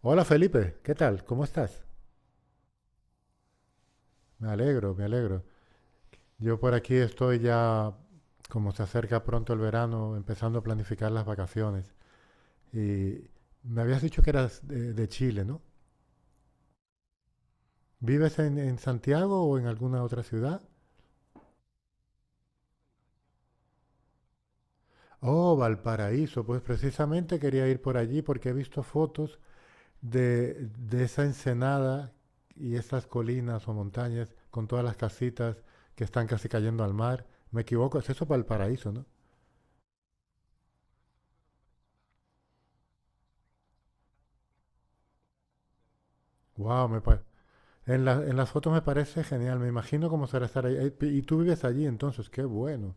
Hola Felipe, ¿qué tal? ¿Cómo estás? Me alegro, me alegro. Yo por aquí estoy ya, como se acerca pronto el verano, empezando a planificar las vacaciones. Y me habías dicho que eras de Chile, ¿no? ¿Vives en Santiago o en alguna otra ciudad? Oh, Valparaíso, pues precisamente quería ir por allí porque he visto fotos de esa ensenada y esas colinas o montañas con todas las casitas que están casi cayendo al mar. Me equivoco, es eso Valparaíso, ¿no? Wow. En las fotos me parece genial, me imagino cómo será estar ahí. Y tú vives allí entonces, qué bueno.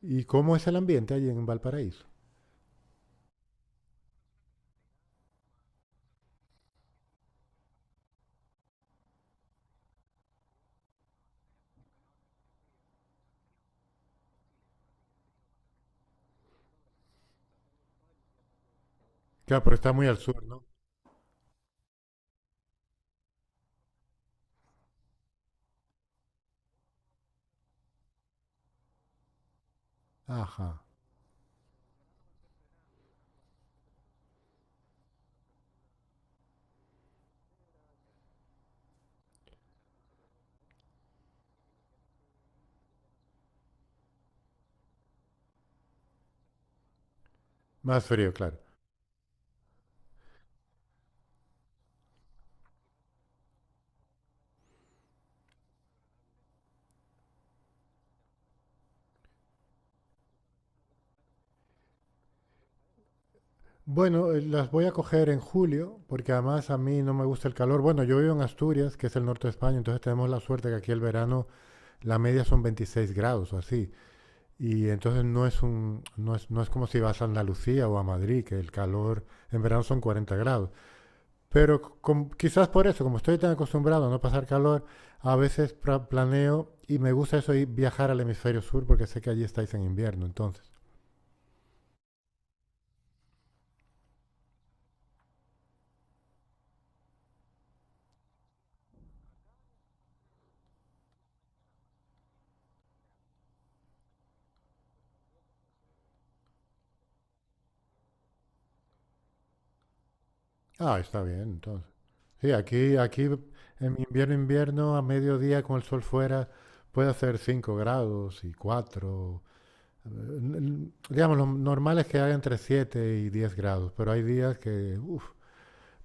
¿Y cómo es el ambiente allí en Valparaíso? Claro, pero está muy al sur, ¿no? Ajá. Más frío, claro. Bueno, las voy a coger en julio, porque además a mí no me gusta el calor. Bueno, yo vivo en Asturias, que es el norte de España, entonces tenemos la suerte que aquí el verano la media son 26 grados o así. Y entonces no es un, no es, no es como si vas a Andalucía o a Madrid, que el calor en verano son 40 grados. Pero quizás por eso, como estoy tan acostumbrado a no pasar calor, a veces planeo y me gusta eso ir viajar al hemisferio sur porque sé que allí estáis en invierno, entonces. Ah, está bien, entonces. Sí, aquí en invierno, invierno, a mediodía con el sol fuera, puede hacer 5 grados y 4. Digamos, lo normal es que haga entre 7 y 10 grados, pero hay días que, uf.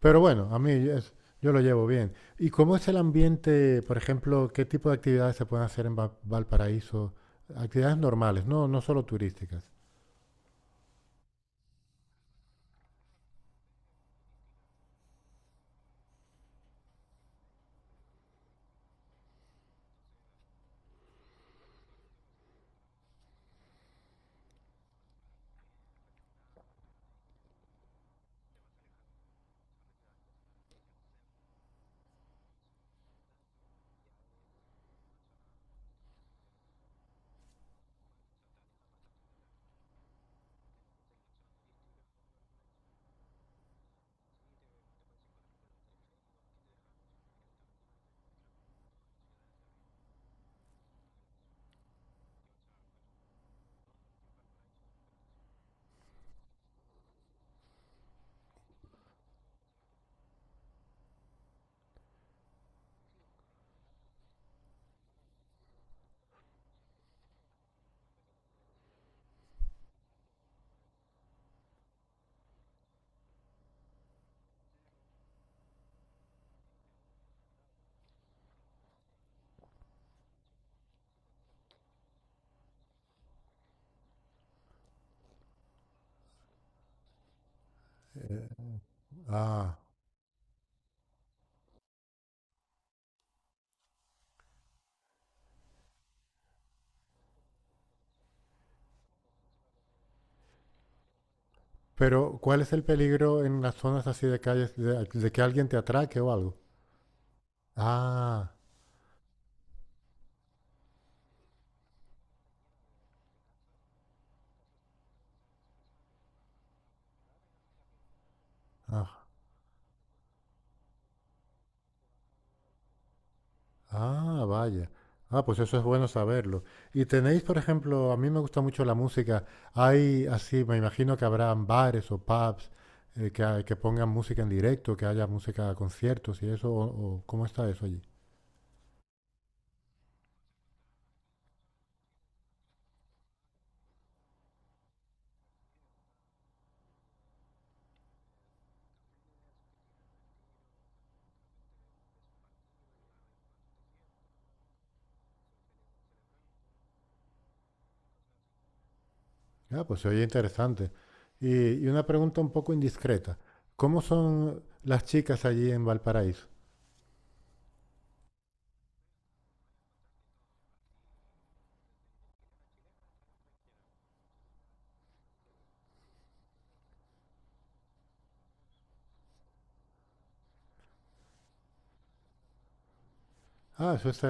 Pero bueno, yo lo llevo bien. ¿Y cómo es el ambiente, por ejemplo, qué tipo de actividades se pueden hacer en Valparaíso? Actividades normales, no, no solo turísticas. Ah, pero ¿cuál es el peligro en las zonas así de calles de que alguien te atraque o algo? Ah, ah. Ah, vaya. Ah, pues eso es bueno saberlo. Y tenéis, por ejemplo, a mí me gusta mucho la música. Hay así, me imagino que habrán bares o pubs que pongan música en directo, que haya música, conciertos y eso. ¿Cómo está eso allí? Ah, pues se oye interesante. Y una pregunta un poco indiscreta. ¿Cómo son las chicas allí en Valparaíso? Ah, eso es.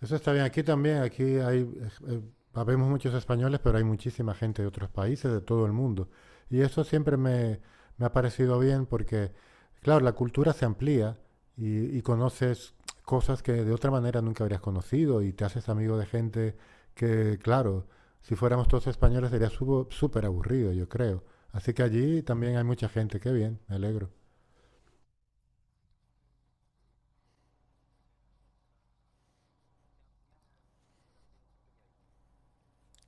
Eso está bien. Aquí también, aquí hay, habemos muchos españoles, pero hay muchísima gente de otros países, de todo el mundo. Y eso siempre me ha parecido bien porque, claro, la cultura se amplía y conoces cosas que de otra manera nunca habrías conocido y te haces amigo de gente que, claro, si fuéramos todos españoles sería súper aburrido, yo creo. Así que allí también hay mucha gente. Qué bien, me alegro.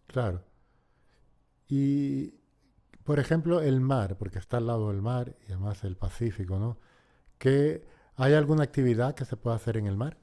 Claro. Y, por ejemplo, el mar, porque está al lado del mar y además el Pacífico, ¿no? Que hay alguna actividad que se pueda hacer en el mar.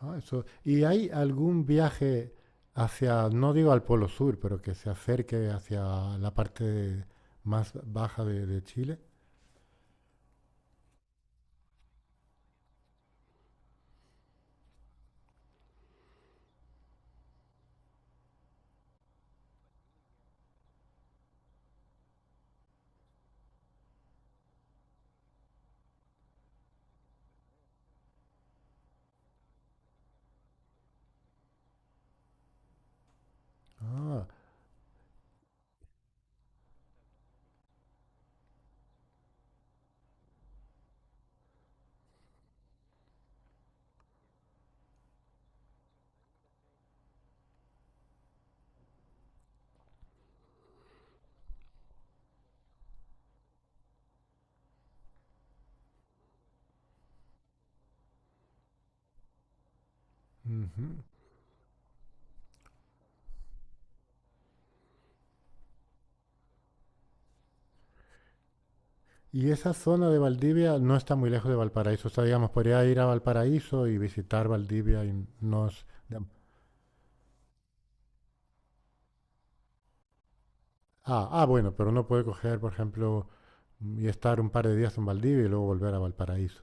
Ah, eso. ¿Y hay algún viaje hacia, no digo al Polo Sur, pero que se acerque hacia la parte más baja de Chile? Ah, ujú. Y esa zona de Valdivia no está muy lejos de Valparaíso. O sea, digamos, podría ir a Valparaíso y visitar Valdivia y no es... Ah, ah, bueno, pero uno puede coger, por ejemplo, y estar un par de días en Valdivia y luego volver a Valparaíso.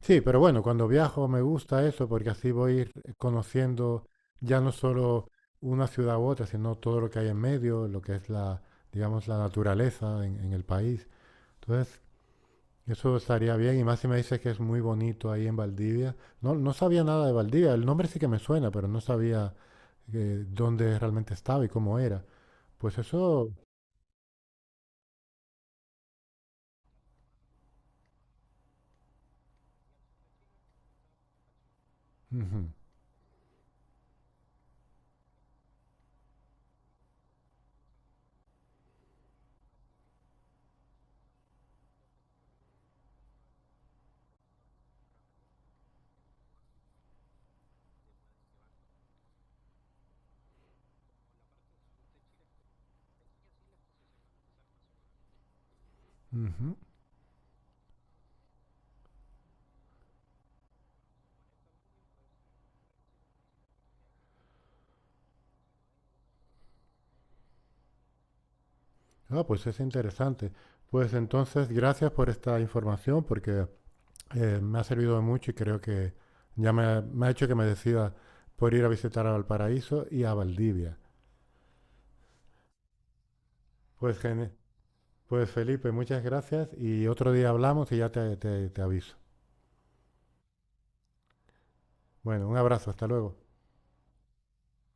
Sí, pero bueno, cuando viajo me gusta eso porque así voy conociendo ya no solo una ciudad u otra, sino todo lo que hay en medio, lo que es la, digamos, la naturaleza en el país. Entonces, eso estaría bien. Y más si me dices que es muy bonito ahí en Valdivia. No, no sabía nada de Valdivia. El nombre sí que me suena, pero no sabía dónde realmente estaba y cómo era. Pues eso... Ujú, ujú. Ah, pues es interesante. Pues entonces, gracias por esta información porque me ha servido de mucho y creo que ya me ha hecho que me decida por ir a visitar a Valparaíso y a Valdivia. Pues, pues Felipe, muchas gracias y otro día hablamos y ya te aviso. Bueno, un abrazo, hasta luego.